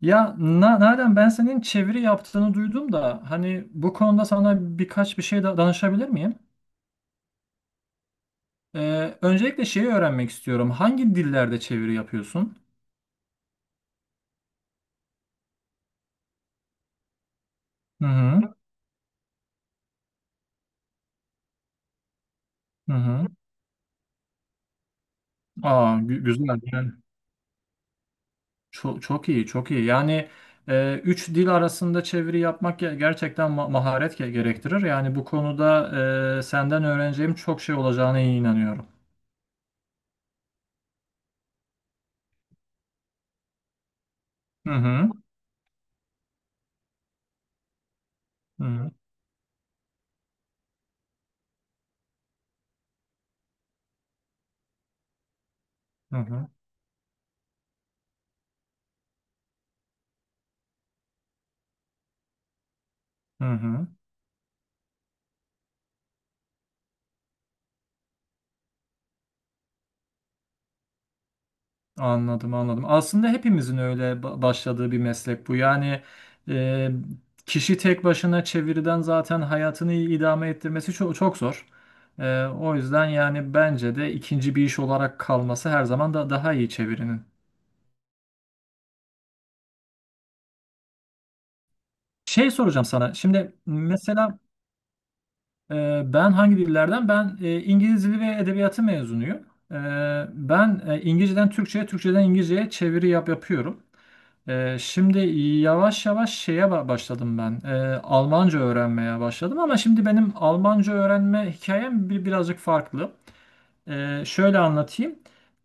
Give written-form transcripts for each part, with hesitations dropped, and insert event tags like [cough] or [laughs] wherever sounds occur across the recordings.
Ya Nalan, ben senin çeviri yaptığını duydum da hani bu konuda sana birkaç bir şey da danışabilir miyim? Öncelikle şeyi öğrenmek istiyorum. Hangi dillerde çeviri yapıyorsun? Hı hı. Hı hı. Aa, güzel. Yani çok, çok iyi, çok iyi. Yani üç dil arasında çeviri yapmak gerçekten maharet gerektirir. Yani bu konuda senden öğreneceğim çok şey olacağına inanıyorum. Hı hı. Hı hı. Hı hı. Hı hı. Anladım, anladım. Aslında hepimizin öyle başladığı bir meslek bu. Yani e, kişi tek başına çeviriden zaten hayatını idame ettirmesi çok, çok zor. O yüzden yani bence de ikinci bir iş olarak kalması her zaman da daha iyi çevirinin. Şey soracağım sana. Şimdi mesela ben hangi dillerden? Ben İngiliz Dili ve Edebiyatı mezunuyum. Ee, Ben İngilizceden Türkçe'ye, Türkçeden İngilizce'ye çeviri yapıyorum. Şimdi yavaş yavaş şeye başladım ben. Almanca öğrenmeye başladım, ama şimdi benim Almanca öğrenme hikayem birazcık farklı. Şöyle anlatayım.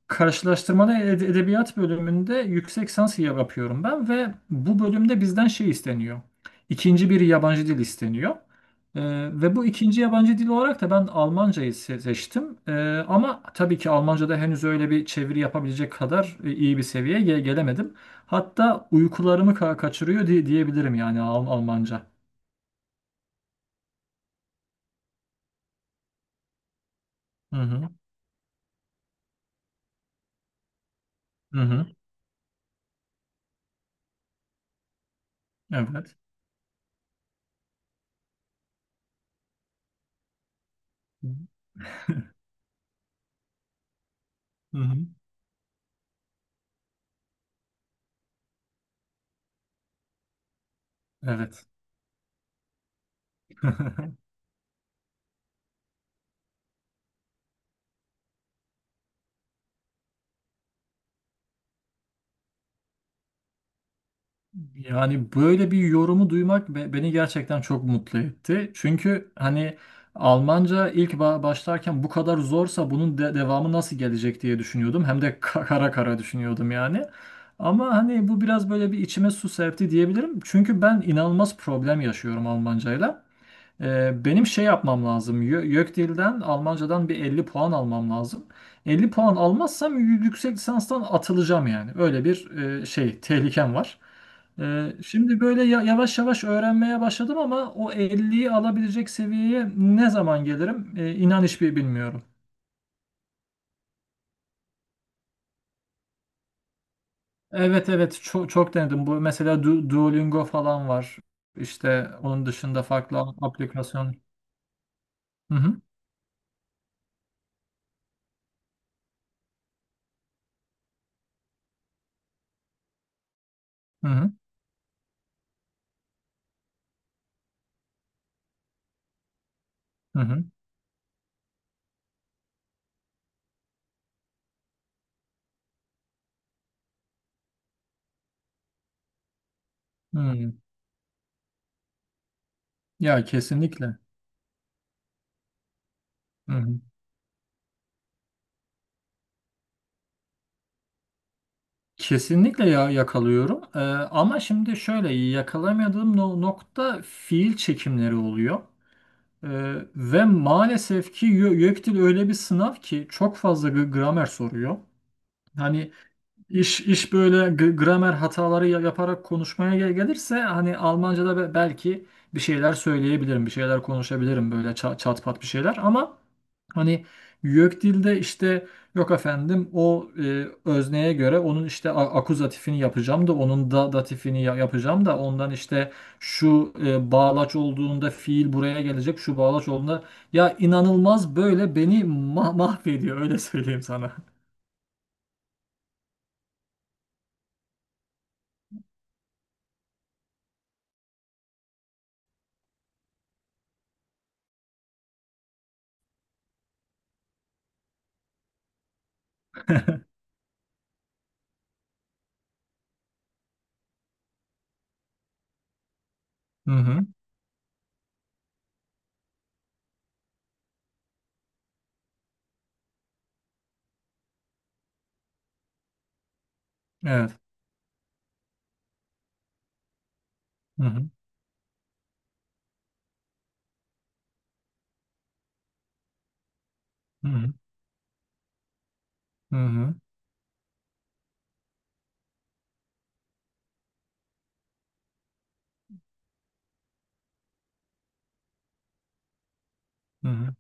Karşılaştırmalı edebiyat bölümünde yüksek lisans yapıyorum ben ve bu bölümde bizden şey isteniyor. İkinci bir yabancı dil isteniyor. Ve bu ikinci yabancı dil olarak da ben Almancayı seçtim. Ama tabii ki Almanca'da henüz öyle bir çeviri yapabilecek kadar iyi bir seviyeye gelemedim. Hatta uykularımı kaçırıyor diye diyebilirim, yani Almanca. Hı hı. Hı hı. Evet. Hı hı. Evet. Yani böyle bir yorumu duymak beni gerçekten çok mutlu etti. Çünkü hani Almanca ilk başlarken bu kadar zorsa bunun devamı nasıl gelecek diye düşünüyordum. Hem de [laughs] kara kara düşünüyordum yani. Ama hani bu biraz böyle bir içime su serpti diyebilirim. Çünkü ben inanılmaz problem yaşıyorum Almancayla. Benim şey yapmam lazım. YÖKDİL'den Almancadan bir 50 puan almam lazım. 50 puan almazsam yüksek lisanstan atılacağım yani. Öyle bir şey tehlikem var. Şimdi böyle yavaş yavaş öğrenmeye başladım, ama o 50'yi alabilecek seviyeye ne zaman gelirim? İnan hiçbir bilmiyorum. Evet, evet, çok, çok denedim. Bu mesela Duolingo falan var. İşte onun dışında farklı aplikasyon. Hı hı, hı hı, hı. Hı. Hı. Ya kesinlikle. Hı hı. Kesinlikle, ya, yakalıyorum. Ama şimdi şöyle yakalamadığım nokta fiil çekimleri oluyor. Ve maalesef ki YÖKDİL öyle bir sınav ki çok fazla gramer soruyor. Hani iş böyle gramer hataları yaparak konuşmaya gelirse, hani Almanca'da belki bir şeyler söyleyebilirim, bir şeyler konuşabilirim böyle çat pat bir şeyler, ama hani YÖKDİL'de işte, yok efendim, o özneye göre onun işte akuzatifini yapacağım da, onun da datifini yapacağım da, ondan işte şu bağlaç olduğunda fiil buraya gelecek, şu bağlaç olduğunda, ya inanılmaz böyle beni mahvediyor, öyle söyleyeyim sana. Hı hı. Evet. Hı hı. Hı hı. Hı hı. Hı hı.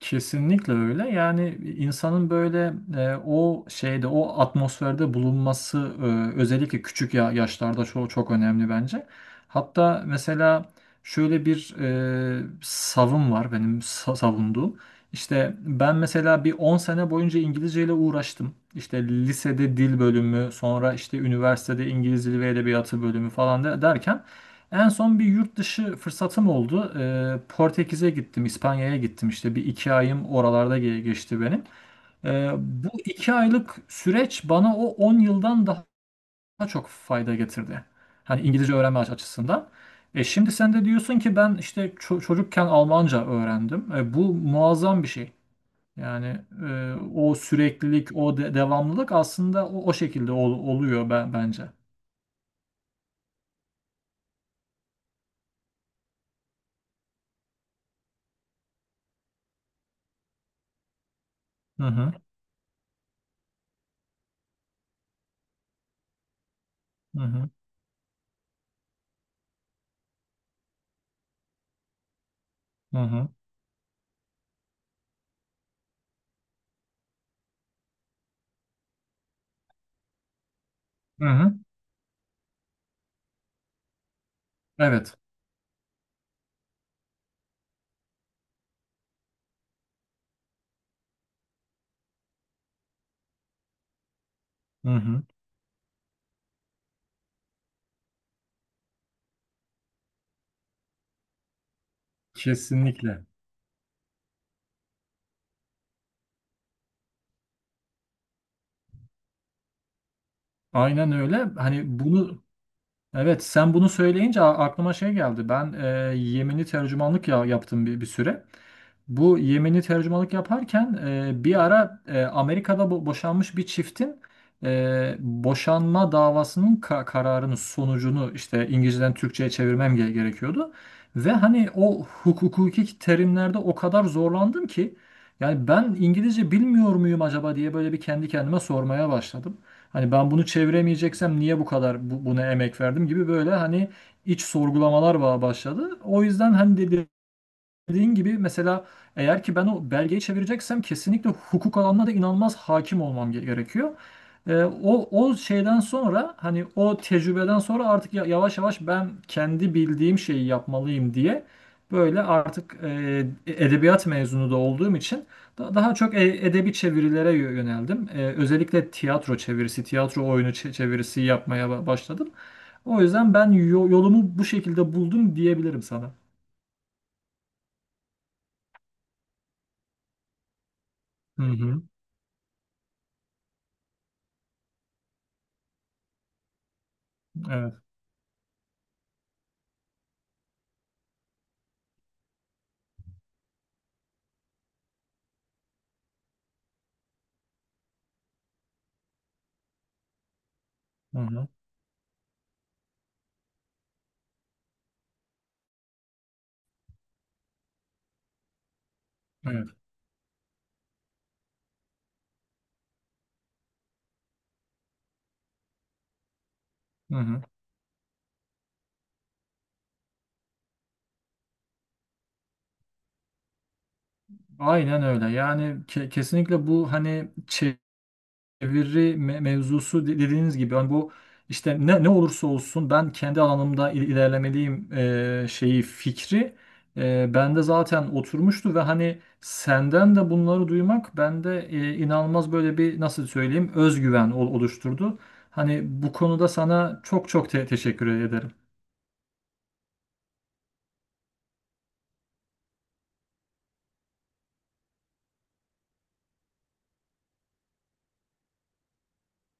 Kesinlikle öyle. Yani insanın böyle o şeyde, o atmosferde bulunması özellikle küçük yaşlarda çok çok önemli bence. Hatta mesela şöyle bir savım var benim savunduğum. İşte ben mesela bir 10 sene boyunca İngilizce ile uğraştım. İşte lisede dil bölümü, sonra işte üniversitede İngiliz Dili ve Edebiyatı bölümü falan derken en son bir yurt dışı fırsatım oldu. Portekiz'e gittim, İspanya'ya gittim. İşte bir iki ayım oralarda geçti benim. Bu 2 aylık süreç bana o 10 yıldan daha çok fayda getirdi. Hani İngilizce öğrenme açısından. Şimdi sen de diyorsun ki ben işte çocukken Almanca öğrendim. Bu muazzam bir şey. Yani o süreklilik, o devamlılık aslında o şekilde oluyor ben bence. Hı hı, hı hı, hı hı, hı hı. Evet. Hı hı. Kesinlikle. Aynen öyle. Hani bunu, evet, sen bunu söyleyince aklıma şey geldi. Ben Yemeni tercümanlık, yaptım bir süre. Bu Yemeni tercümanlık yaparken bir ara Amerika'da boşanmış bir çiftin boşanma davasının kararının sonucunu işte İngilizceden Türkçe'ye çevirmem gerekiyordu. Ve hani o hukuki terimlerde o kadar zorlandım ki, yani ben İngilizce bilmiyor muyum acaba diye böyle bir kendi kendime sormaya başladım. Hani ben bunu çeviremeyeceksem niye bu kadar buna emek verdim gibi böyle hani iç sorgulamalar başladı. O yüzden hani dediğin gibi, mesela eğer ki ben o belgeyi çevireceksem kesinlikle hukuk alanına da inanılmaz hakim olmam gerekiyor. O şeyden sonra, hani o tecrübeden sonra artık yavaş yavaş ben kendi bildiğim şeyi yapmalıyım diye böyle artık, edebiyat mezunu da olduğum için daha çok edebi çevirilere yöneldim. Özellikle tiyatro çevirisi, tiyatro oyunu çevirisi yapmaya başladım. O yüzden ben yolumu bu şekilde buldum diyebilirim sana. Hı hı. Evet. Hı hı. Evet. Hı hı. Aynen öyle. Yani kesinlikle bu hani çeviri mevzusu dediğiniz gibi, hani bu işte ne olursa olsun ben kendi alanımda ilerlemeliyim şeyi fikri bende zaten oturmuştu ve hani senden de bunları duymak bende inanılmaz böyle bir, nasıl söyleyeyim, özgüven oluşturdu. Hani bu konuda sana çok çok teşekkür ederim.